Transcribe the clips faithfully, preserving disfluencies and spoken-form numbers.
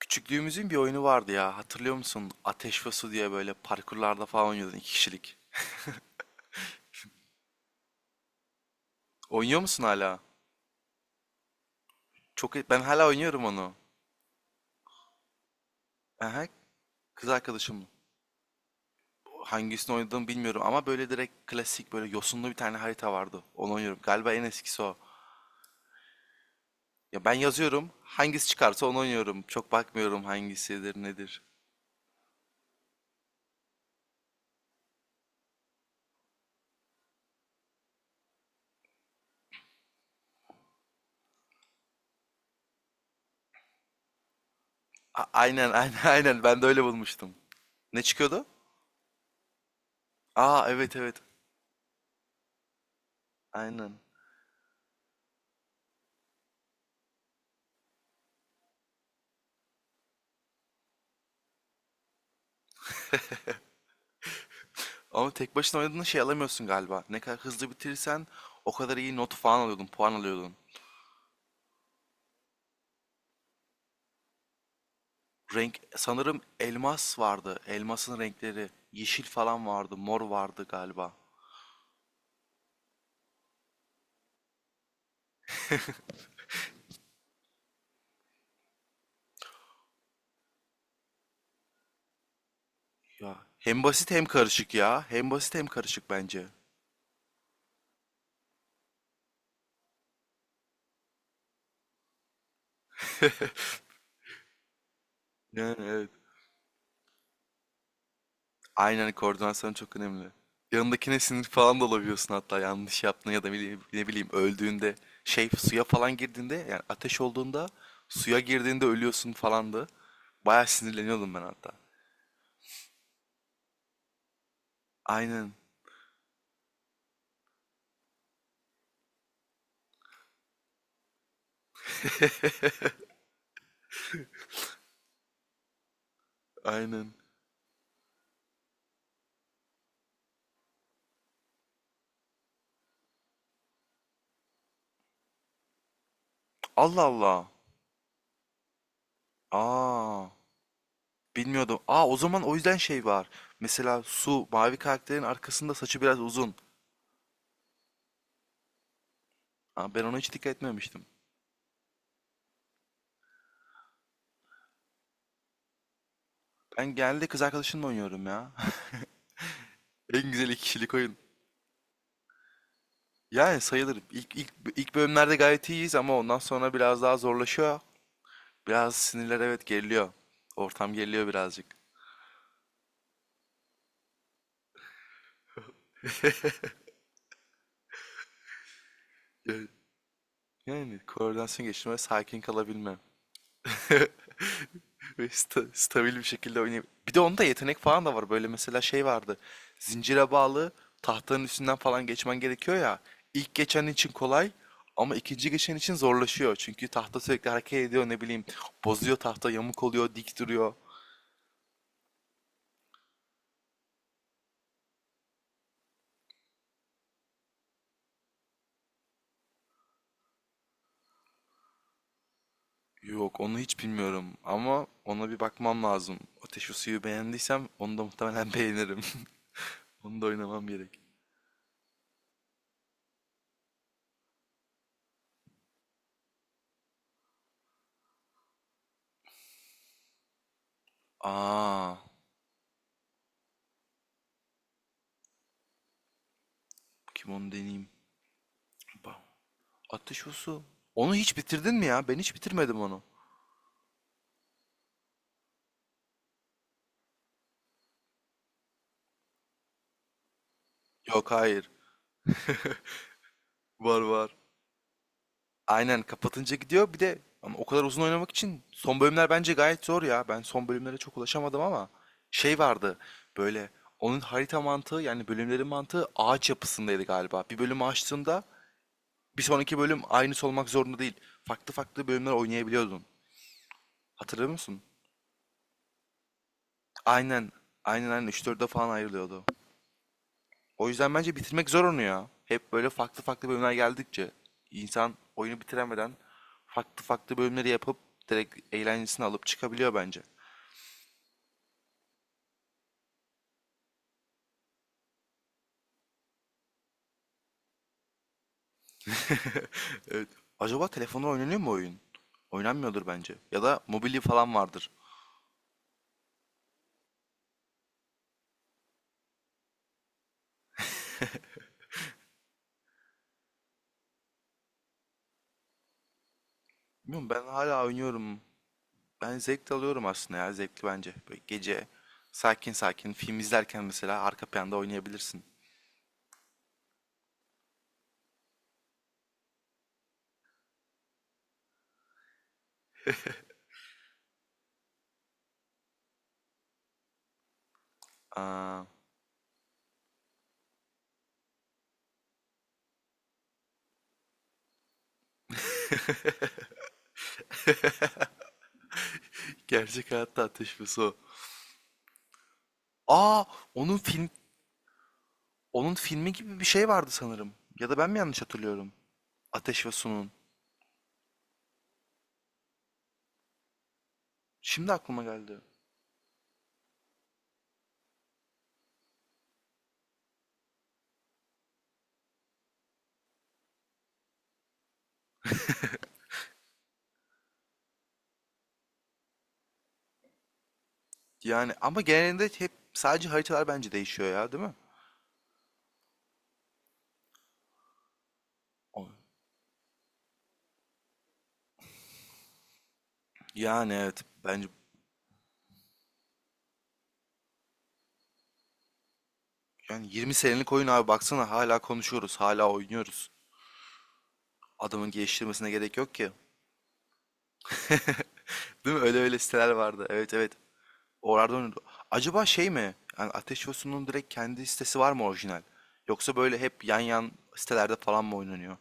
Küçüklüğümüzün bir oyunu vardı ya. Hatırlıyor musun? Ateş ve Su diye böyle parkurlarda falan oynuyordun iki kişilik. Oynuyor musun hala? Çok ben hala oynuyorum onu. Aha, kız arkadaşım. Hangisini oynadığımı bilmiyorum ama böyle direkt klasik böyle yosunlu bir tane harita vardı. Onu oynuyorum. Galiba en eskisi o. Ya ben yazıyorum. Hangisi çıkarsa onu oynuyorum. Çok bakmıyorum hangisidir nedir. A- aynen aynen aynen. Ben de öyle bulmuştum. Ne çıkıyordu? Aa, evet evet. Aynen. Ama tek başına oynadığında şey alamıyorsun galiba. Ne kadar hızlı bitirirsen o kadar iyi not falan alıyordun, puan alıyordun. Renk sanırım elmas vardı. Elmasın renkleri yeşil falan vardı, mor vardı galiba. Ya hem basit hem karışık ya. Hem basit hem karışık bence. Yani evet. Aynen, koordinasyon çok önemli. Yanındakine sinir falan da olabiliyorsun hatta yanlış yaptığında ya da bile- ne bileyim öldüğünde şey suya falan girdiğinde yani ateş olduğunda suya girdiğinde ölüyorsun falandı. Bayağı sinirleniyordum ben hatta. Aynen. Aynen. Allah Allah. Aa, bilmiyordum. Aa, o zaman o yüzden şey var. Mesela Su, mavi karakterin arkasında saçı biraz uzun. Aa, ben ona hiç dikkat etmemiştim. Ben genelde kız arkadaşımla oynuyorum ya. En güzel iki kişilik oyun. Yani sayılır. İlk, ilk, ilk bölümlerde gayet iyiyiz ama ondan sonra biraz daha zorlaşıyor. Biraz sinirler, evet, geriliyor. Ortam geriliyor birazcık. Evet. Yani koordinasyon geliştirme, sakin kalabilme. Ve sta- stabil bir şekilde oynayıp. Bir de onda yetenek falan da var. Böyle mesela şey vardı. Zincire bağlı tahtanın üstünden falan geçmen gerekiyor ya. İlk geçen için kolay ama ikinci geçen için zorlaşıyor. Çünkü tahta sürekli hareket ediyor ne bileyim. Bozuyor tahta, yamuk oluyor, dik duruyor. Yok, onu hiç bilmiyorum ama ona bir bakmam lazım. Ateş ve suyu beğendiysem onu da muhtemelen beğenirim. Onu da oynamam gerek. Aa, kim onu deneyeyim. Bak, Ateş ve su. Onu hiç bitirdin mi ya? Ben hiç bitirmedim onu. Yok, hayır. Var var. Aynen, kapatınca gidiyor. Bir de ama o kadar uzun oynamak için son bölümler bence gayet zor ya. Ben son bölümlere çok ulaşamadım ama şey vardı böyle, onun harita mantığı yani bölümlerin mantığı ağaç yapısındaydı galiba. Bir bölümü açtığında bir sonraki bölüm aynısı olmak zorunda değil. Farklı farklı bölümler oynayabiliyordun. Hatırlıyor musun? Aynen. Aynen aynen üç dörde falan ayrılıyordu. O yüzden bence bitirmek zor onu ya. Hep böyle farklı farklı bölümler geldikçe insan oyunu bitiremeden farklı farklı bölümleri yapıp direkt eğlencesini alıp çıkabiliyor bence. Evet. Acaba telefonda oynanıyor mu oyun? Oynanmıyordur bence. Ya da mobili falan vardır. Bilmiyorum, ben hala oynuyorum. Ben zevk de alıyorum aslında ya, zevkli bence. Böyle gece sakin sakin film izlerken mesela arka planda oynayabilirsin. Aa, gerçek hayatta ateş ve su. Aa, onun film, onun filmi gibi bir şey vardı sanırım. Ya da ben mi yanlış hatırlıyorum? Ateş ve Su'nun. Şimdi aklıma geldi. Yani ama genelinde hep sadece haritalar bence değişiyor ya, değil mi? O- Yani evet bence, yani yirmi senelik oyun abi, baksana hala konuşuyoruz, hala oynuyoruz. Adamın geliştirmesine gerek yok ki. Değil mi? Öyle öyle siteler vardı. Evet evet. Oralarda oynuyordu. Acaba şey mi? Yani Ateş ve Su'nun direkt kendi sitesi var mı orijinal? Yoksa böyle hep yan yan sitelerde falan mı oynanıyor?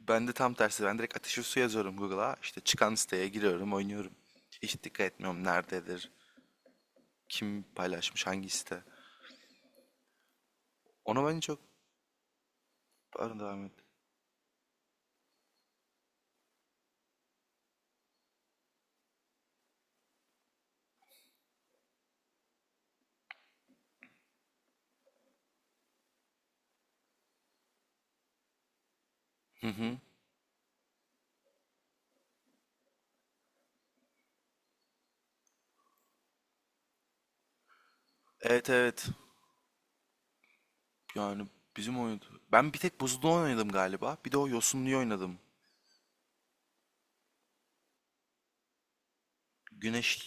Ben de tam tersi. Ben direkt ateşi su yazıyorum Google'a. İşte çıkan siteye giriyorum, oynuyorum. Hiç dikkat etmiyorum nerededir, kim paylaşmış, hangi site. Ona bence çok... Pardon, devam et. Hı hı. Evet evet. Yani bizim oyundu. Ben bir tek buzlu oynadım galiba. Bir de o yosunluyu oynadım. Güneş...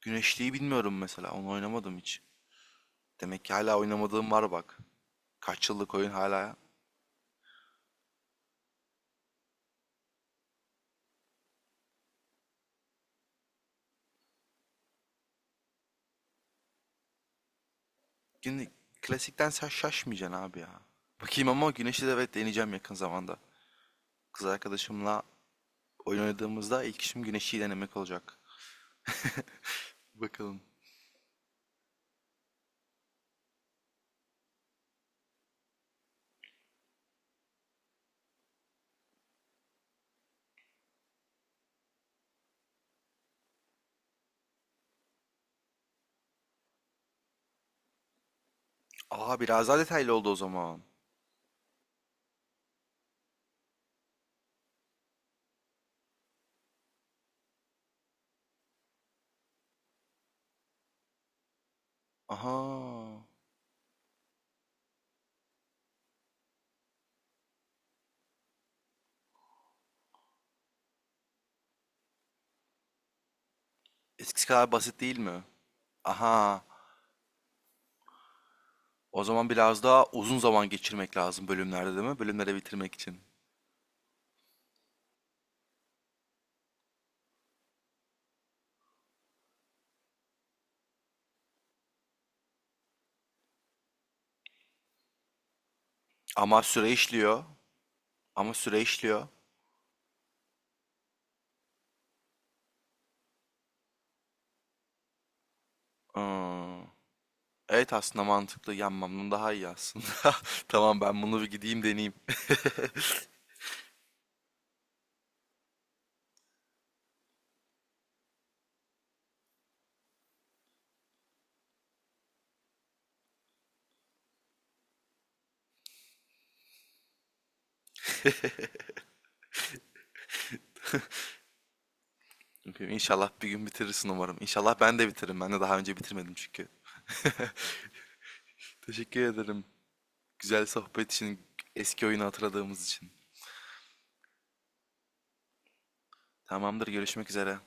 Güneşliği bilmiyorum mesela. Onu oynamadım hiç. Demek ki hala oynamadığım var bak. Kaç yıllık oyun hala. Gün, klasikten sen şaşmayacaksın abi ya. Bakayım, ama güneşli de evet, deneyeceğim yakın zamanda. Kız arkadaşımla oyun oynadığımızda ilk işim güneşi denemek olacak. Bakalım. Aa, biraz daha detaylı oldu o zaman. Aha. Eskisi kadar basit değil mi? Aha. O zaman biraz daha uzun zaman geçirmek lazım bölümlerde değil mi? Bölümleri bitirmek için. Ama süre işliyor. Ama süre işliyor. Hmm. Evet, aslında mantıklı. Yanmam bunun daha iyi aslında. Tamam, ben bunu bir gideyim deneyeyim. İnşallah bir gün bitirirsin umarım. İnşallah ben de bitiririm. Ben de daha önce bitirmedim çünkü. Teşekkür ederim. Güzel sohbet için, eski oyunu hatırladığımız için. Tamamdır, görüşmek üzere.